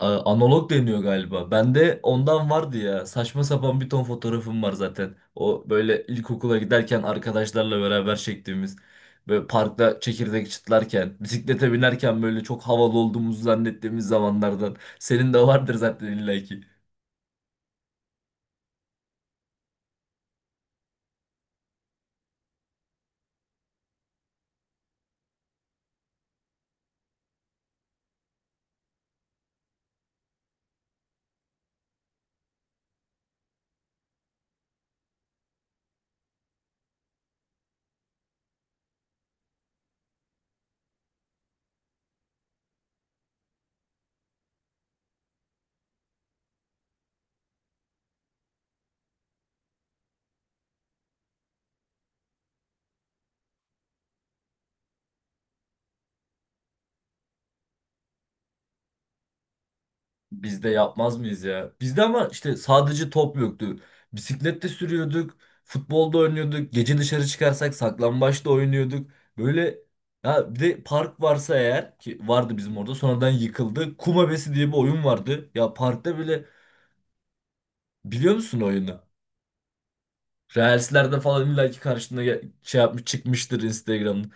Analog deniyor galiba. Bende ondan vardı ya. Saçma sapan bir ton fotoğrafım var zaten. O böyle ilkokula giderken arkadaşlarla beraber çektiğimiz. Böyle parkta çekirdek çıtlarken, bisiklete binerken böyle çok havalı olduğumuzu zannettiğimiz zamanlardan. Senin de vardır zaten illaki. Biz de yapmaz mıyız ya? Bizde ama işte sadece top yoktu. Bisiklet de sürüyorduk, futbolda oynuyorduk, gece dışarı çıkarsak saklambaçta oynuyorduk. Böyle ha bir de park varsa eğer ki vardı bizim orada sonradan yıkıldı. Kum Hevesi diye bir oyun vardı. Ya parkta böyle biliyor musun oyunu? Reels'lerde falan illaki karşına şey yapmış çıkmıştır Instagram'da.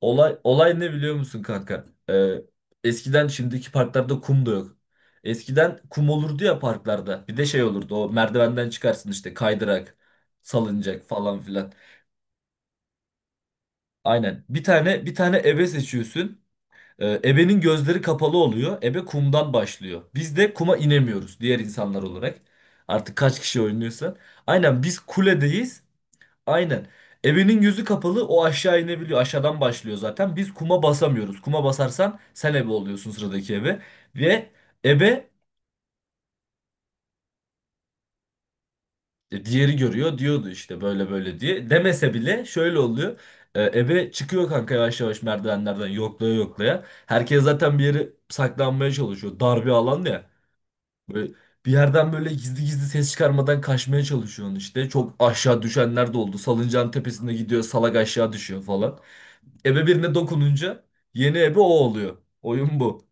Olay olay ne biliyor musun kanka? Eskiden şimdiki parklarda kum da yok. Eskiden kum olurdu ya parklarda. Bir de şey olurdu. O merdivenden çıkarsın işte kaydırak, salıncak falan filan. Aynen. Bir tane ebe seçiyorsun. Ebenin gözleri kapalı oluyor. Ebe kumdan başlıyor. Biz de kuma inemiyoruz diğer insanlar olarak. Artık kaç kişi oynuyorsa. Aynen biz kuledeyiz. Aynen. Ebenin yüzü kapalı o aşağı inebiliyor. Aşağıdan başlıyor zaten. Biz kuma basamıyoruz. Kuma basarsan sen ebe oluyorsun sıradaki ebe. Ve ebe diğeri görüyor diyordu işte böyle böyle diye. Demese bile şöyle oluyor. Ebe çıkıyor kanka yavaş yavaş merdivenlerden yoklaya yoklaya. Herkes zaten bir yere saklanmaya çalışıyor. Dar bir alan ya. Böyle bir yerden böyle gizli gizli ses çıkarmadan kaçmaya çalışıyorsun işte. Çok aşağı düşenler de oldu. Salıncağın tepesinde gidiyor salak aşağı düşüyor falan. Ebe birine dokununca yeni ebe o oluyor. Oyun bu.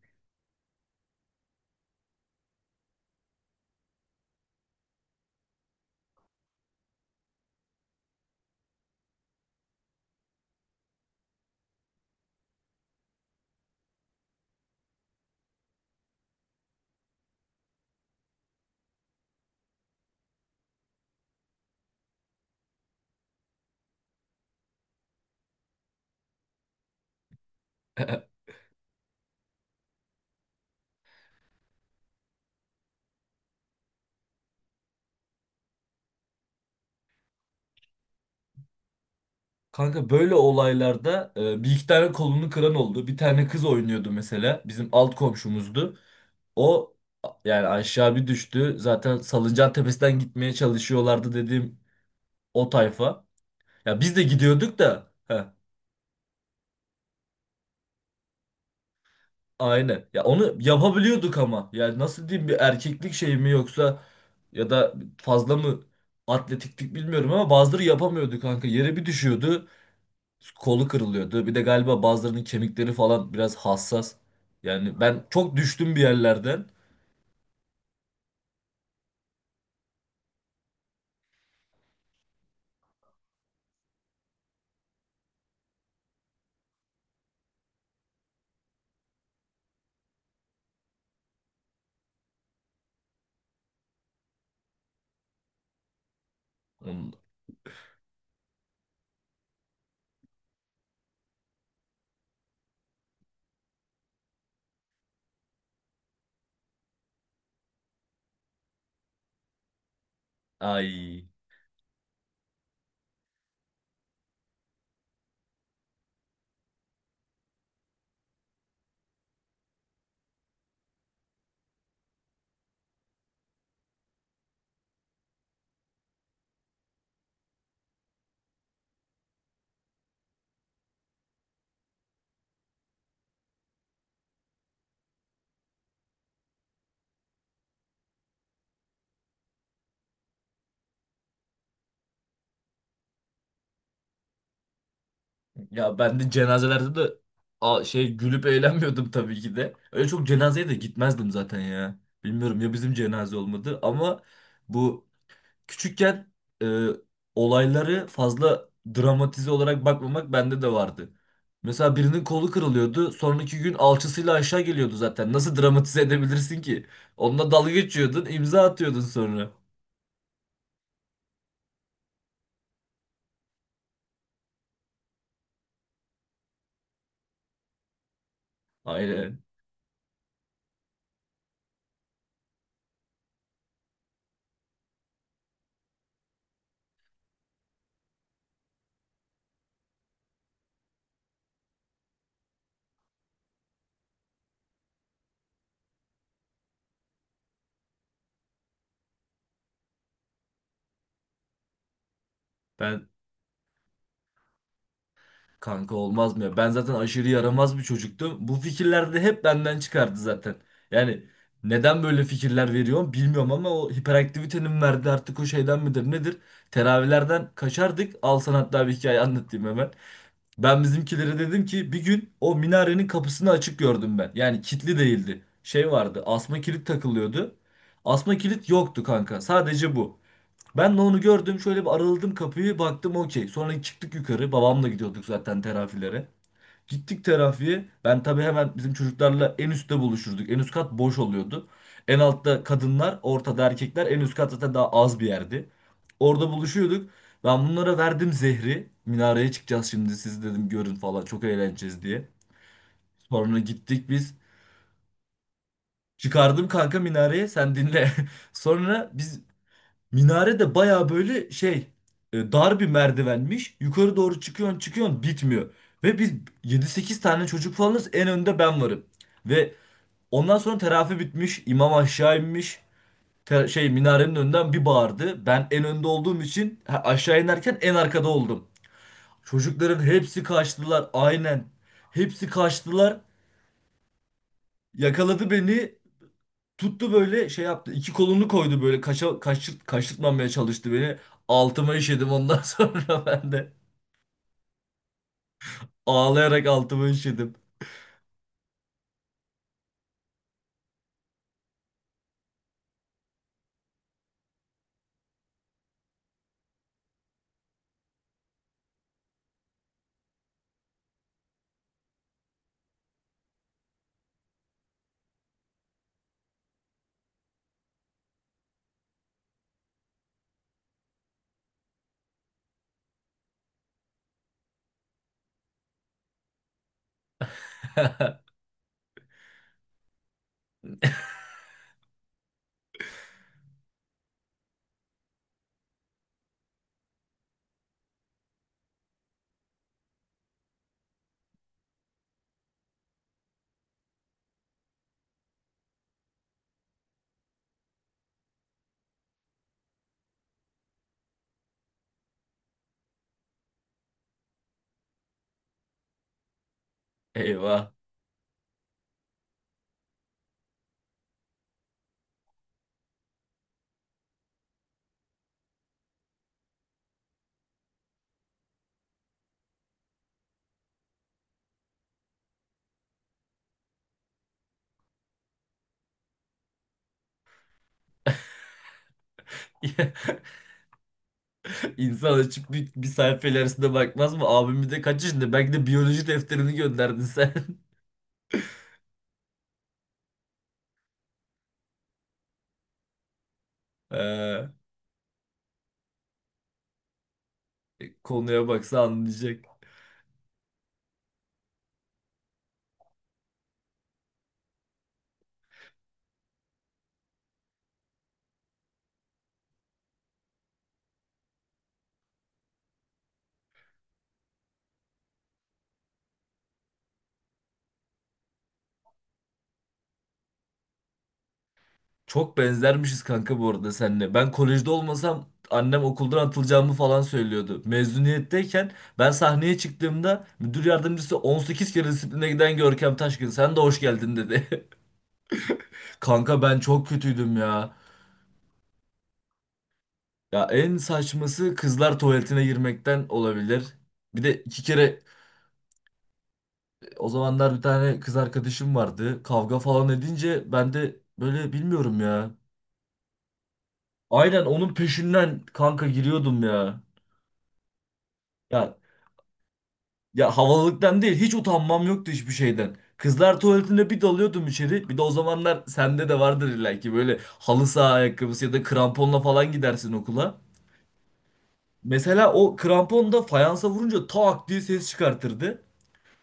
Kanka böyle olaylarda bir iki tane kolunu kıran oldu. Bir tane kız oynuyordu mesela. Bizim alt komşumuzdu. O yani aşağı bir düştü. Zaten salıncağın tepesinden gitmeye çalışıyorlardı dediğim o tayfa. Ya biz de gidiyorduk da. Heh, aynen. Ya onu yapabiliyorduk ama. Yani nasıl diyeyim bir erkeklik şey mi yoksa ya da fazla mı atletiklik bilmiyorum ama bazıları yapamıyordu kanka. Yere bir düşüyordu. Kolu kırılıyordu. Bir de galiba bazılarının kemikleri falan biraz hassas. Yani ben çok düştüm bir yerlerden. Hmm. Ay. Ya ben de cenazelerde de gülüp eğlenmiyordum tabii ki de. Öyle çok cenazeye de gitmezdim zaten ya. Bilmiyorum ya bizim cenaze olmadı ama bu küçükken e, olayları fazla dramatize olarak bakmamak bende de vardı. Mesela birinin kolu kırılıyordu. Sonraki gün alçısıyla aşağı geliyordu zaten. Nasıl dramatize edebilirsin ki? Onunla dalga geçiyordun, imza atıyordun sonra. Aynen. Ben kanka olmaz mı ya? Ben zaten aşırı yaramaz bir çocuktum. Bu fikirler de hep benden çıkardı zaten. Yani neden böyle fikirler veriyorum bilmiyorum ama o hiperaktivitenin verdiği artık o şeyden midir nedir? Teravilerden kaçardık. Al sana hatta bir hikaye anlatayım hemen. Ben bizimkilere dedim ki bir gün o minarenin kapısını açık gördüm ben. Yani kilitli değildi. Şey vardı. Asma kilit takılıyordu. Asma kilit yoktu kanka. Sadece bu. Ben de onu gördüm. Şöyle bir araladım kapıyı. Baktım okey. Sonra çıktık yukarı. Babamla gidiyorduk zaten terafilere. Gittik terafiye. Ben tabii hemen bizim çocuklarla en üstte buluşurduk. En üst kat boş oluyordu. En altta kadınlar, ortada erkekler. En üst kat zaten daha az bir yerdi. Orada buluşuyorduk. Ben bunlara verdim zehri. Minareye çıkacağız şimdi siz dedim görün falan çok eğleneceğiz diye. Sonra gittik biz. Çıkardım kanka minareye sen dinle. Sonra biz minare de baya böyle dar bir merdivenmiş. Yukarı doğru çıkıyorsun çıkıyorsun bitmiyor. Ve biz yedi sekiz tane çocuk falanız en önde ben varım. Ve ondan sonra terafi bitmiş. İmam aşağı inmiş. Minarenin önünden bir bağırdı. Ben en önde olduğum için ha, aşağı inerken en arkada oldum. Çocukların hepsi kaçtılar aynen. Hepsi kaçtılar. Yakaladı beni. Tuttu böyle şey yaptı. İki kolunu koydu böyle kaşa, kaşırt, kaşırtmamaya çalıştı beni. Altıma işedim ondan sonra ben de. Ağlayarak altıma işedim. Eyvah. İnsan açıp bir sayfa ilerisine bakmaz mı? Abim bir de kaç yaşında? Belki de biyoloji defterini gönderdin sen. Ee, konuya baksa anlayacak. Çok benzermişiz kanka bu arada seninle. Ben kolejde olmasam annem okuldan atılacağımı falan söylüyordu. Mezuniyetteyken ben sahneye çıktığımda müdür yardımcısı 18 kere disipline giden Görkem Taşkın sen de hoş geldin dedi. Kanka ben çok kötüydüm ya. Ya en saçması kızlar tuvaletine girmekten olabilir. Bir de iki kere o zamanlar bir tane kız arkadaşım vardı. Kavga falan edince ben de böyle bilmiyorum ya. Aynen onun peşinden kanka giriyordum ya. Ya Ya havalılıktan değil hiç utanmam yoktu hiçbir şeyden. Kızlar tuvaletinde bir dalıyordum içeri. Bir de o zamanlar sende de vardır illa ki böyle halı saha ayakkabısı ya da kramponla falan gidersin okula. Mesela o krampon da fayansa vurunca tak diye ses çıkartırdı.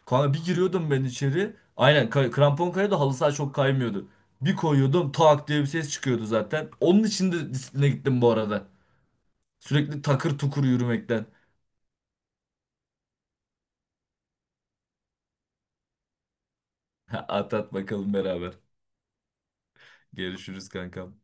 Kanka bir giriyordum ben içeri. Aynen krampon kayıyordu halı saha çok kaymıyordu. Bir koyuyordum tak diye bir ses çıkıyordu zaten. Onun için de disipline gittim bu arada. Sürekli takır tukur yürümekten. At at bakalım beraber. Görüşürüz kankam.